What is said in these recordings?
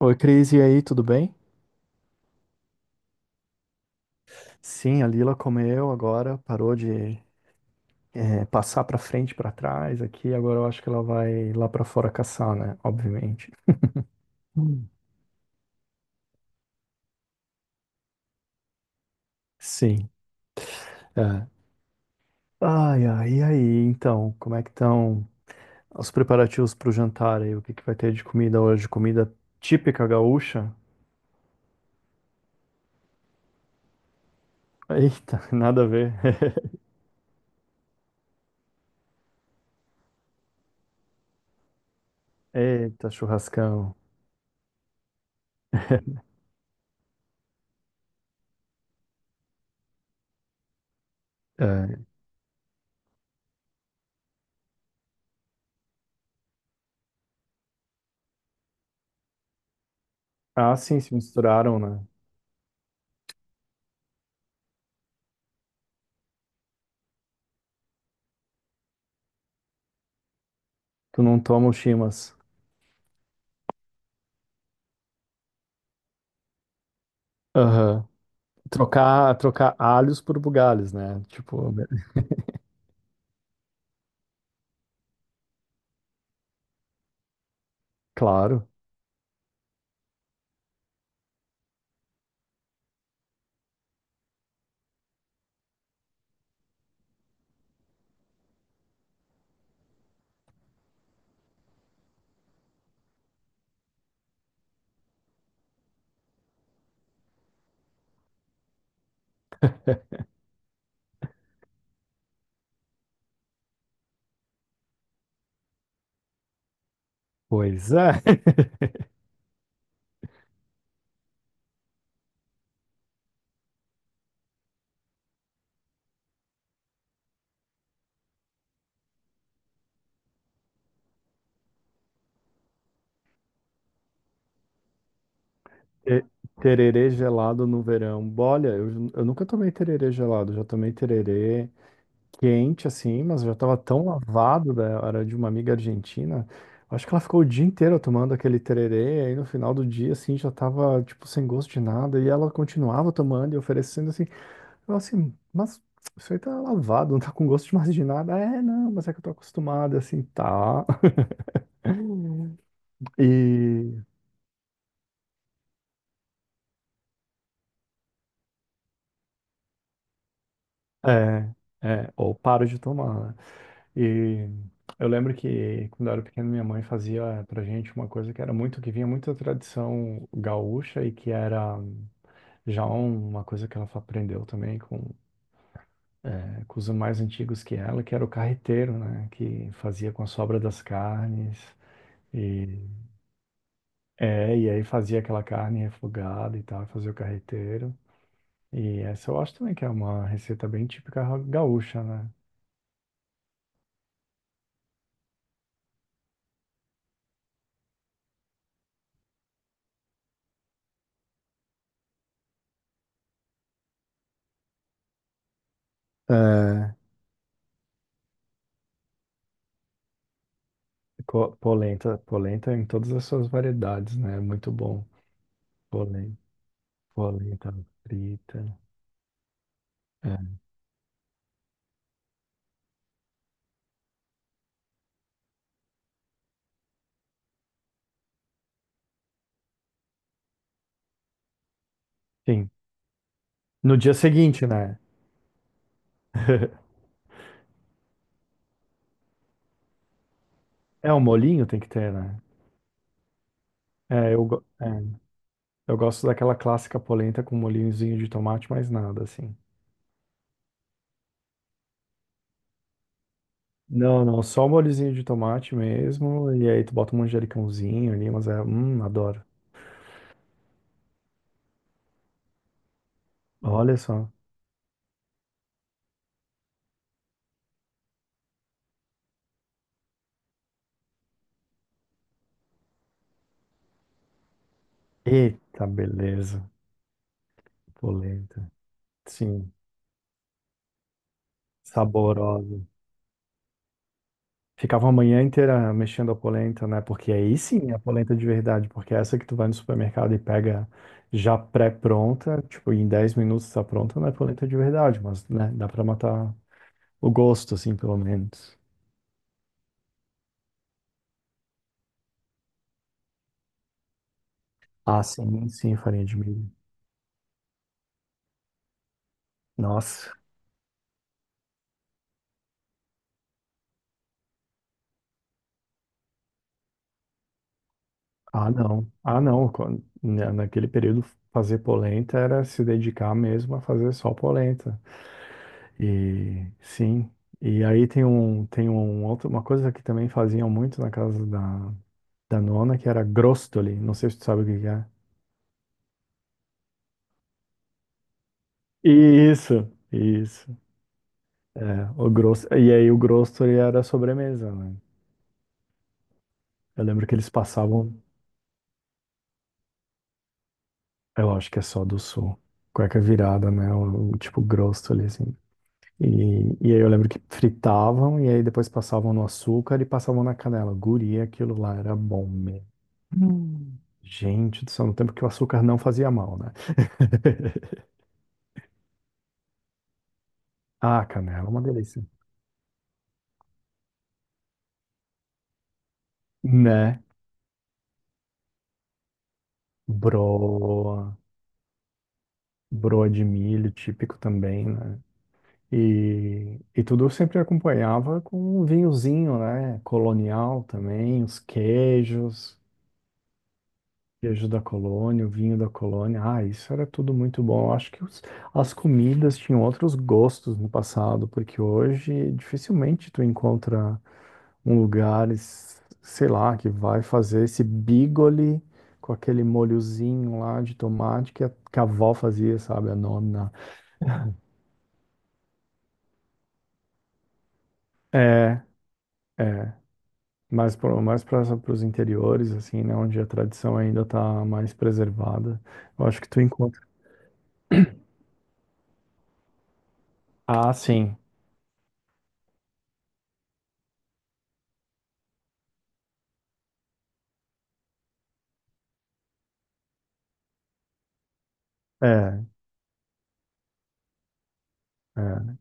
Oi, Cris, e aí, tudo bem? Sim, a Lila comeu agora, parou de passar para frente, para trás aqui. Agora eu acho que ela vai lá para fora caçar, né? Obviamente. Hum. Sim. É. Ai, ai, e aí? Então, como é que estão os preparativos para o jantar aí? O que que vai ter de comida hoje? Comida típica gaúcha? Eita, nada a ver. Eita, churrascão. É. Ah, sim, se misturaram, né? Tu não toma o chimas. Aham. Trocar alhos por bugalhos, né? Tipo, claro. Pois é. Te- Tererê gelado no verão. Olha, eu nunca tomei tererê gelado. Já tomei tererê quente, assim, mas já tava tão lavado, né? Era de uma amiga argentina. Acho que ela ficou o dia inteiro tomando aquele tererê. Aí no final do dia, assim, já tava, tipo, sem gosto de nada. E ela continuava tomando e oferecendo, assim. Eu, assim, mas isso aí tá lavado, não tá com gosto de mais de nada. É, não, mas é que eu tô acostumada, assim, tá. E é, é, ou paro de tomar, né? E eu lembro que quando eu era pequeno, minha mãe fazia pra gente uma coisa que era muito, que vinha muito da tradição gaúcha e que era já um, uma coisa que ela aprendeu também com, é, com os mais antigos que ela, que era o carreteiro, né? Que fazia com a sobra das carnes. E, é, e aí fazia aquela carne refogada e tal, fazia o carreteiro. E essa eu acho também que é uma receita bem típica gaúcha, né? É, Polenta, polenta em todas as suas variedades, né? Muito bom. Polen- Polenta, frita. É. Sim. No dia seguinte, né? É, um molinho tem que ter, né? É, é, eu gosto daquela clássica polenta com molhinhozinho de tomate, mais nada, assim. Não, não, só o molhozinho de tomate mesmo. E aí tu bota um manjericãozinho ali, mas é. Adoro. Olha só. Eita, beleza. Polenta. Sim, saborosa. Ficava a manhã inteira mexendo a polenta, né? Porque aí sim é a polenta de verdade, porque é essa que tu vai no supermercado e pega já pré-pronta, tipo, em 10 minutos tá pronta, não é polenta de verdade, mas, né, dá pra matar o gosto, assim, pelo menos. Ah, sim, sim, farinha de milho. Nossa. Ah, não. Ah, não. Naquele período, fazer polenta era se dedicar mesmo a fazer só polenta. E sim. E aí tem um outro, uma coisa que também faziam muito na casa da Danona, que era Grostoli, não sei se tu sabe o que que é. Isso, isso. É, o grosso, e aí o Grostoli era a sobremesa, né? Eu lembro que eles passavam, eu acho que é só do sul, cueca virada, né? O tipo Grostoli, assim. E aí eu lembro que fritavam e aí depois passavam no açúcar e passavam na canela. Guria, aquilo lá era bom mesmo. Hum. Gente do céu, no tempo que o açúcar não fazia mal, né? Ah, canela, é uma delícia. Né? Bro. Broa de milho típico também, né? E tudo eu sempre acompanhava com um vinhozinho, né? Colonial também, os queijos, queijo da colônia, o vinho da colônia. Ah, isso era tudo muito bom. Eu acho que as comidas tinham outros gostos no passado, porque hoje dificilmente tu encontra um lugar, sei lá, que vai fazer esse bigoli com aquele molhozinho lá de tomate que a avó fazia, sabe? A nona. É. É. Mais para os interiores, assim, né, onde a tradição ainda está mais preservada. Eu acho que tu encontra. Ah, sim. É, é.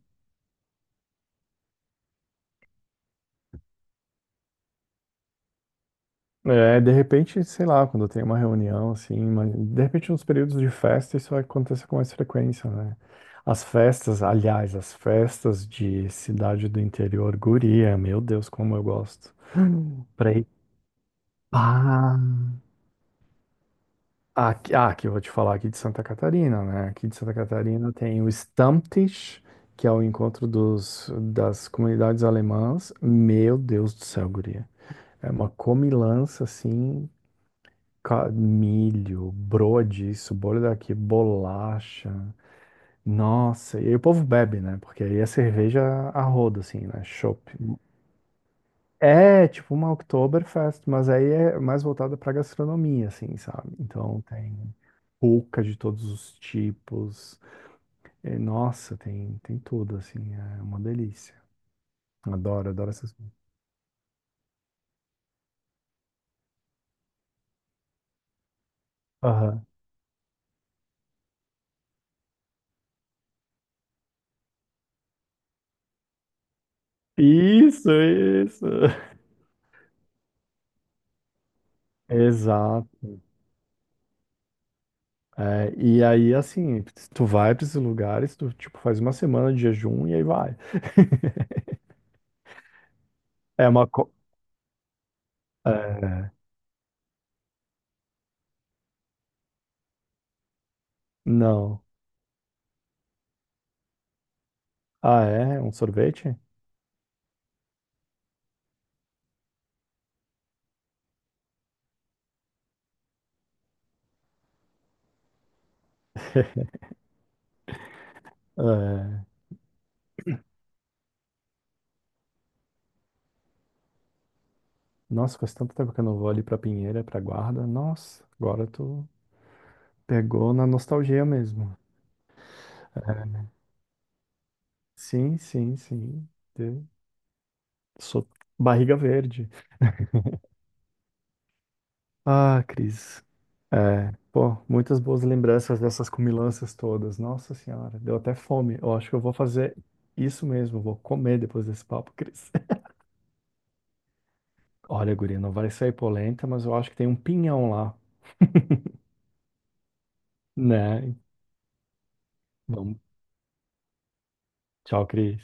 É, de repente, sei lá, quando tem uma reunião, assim, mas de repente nos períodos de festa isso acontece com mais frequência, né? As festas, aliás, as festas de cidade do interior, guria, meu Deus, como eu gosto. Hum. Pra ir. Aqui, ah, aqui eu vou te falar aqui de Santa Catarina, né? Aqui de Santa Catarina tem o Stammtisch, que é o encontro dos, das comunidades alemãs. Meu Deus do céu, guria. É uma comilança assim, milho, broa disso, bolha daqui, bolacha. Nossa, e aí o povo bebe, né? Porque aí é cerveja a rodo, assim, né? Chopp. É, tipo uma Oktoberfest, mas aí é mais voltada pra gastronomia, assim, sabe? Então tem pulca de todos os tipos. É, nossa, tem, tem tudo, assim, é uma delícia. Adoro, adoro essas coisas. Aham. Isso, isso. Exato. É, e aí, assim, tu vai pra esses lugares, tu, tipo, faz uma semana de jejum e aí vai. É uma... É, não. Ah, é? Um sorvete? É. Nossa, faz tanto tempo que eu não vou ali pra Pinheira, pra Guarda. Nossa, agora tu pegou na nostalgia mesmo. Sim, sim, sim. Eu sou barriga verde. Ah, Cris. É, pô, muitas boas lembranças dessas comilanças todas. Nossa senhora, deu até fome. Eu acho que eu vou fazer isso mesmo, vou comer depois desse papo, Cris. Olha, guria, não vai sair polenta, mas eu acho que tem um pinhão lá, né? Vamos. Tchau, Cris.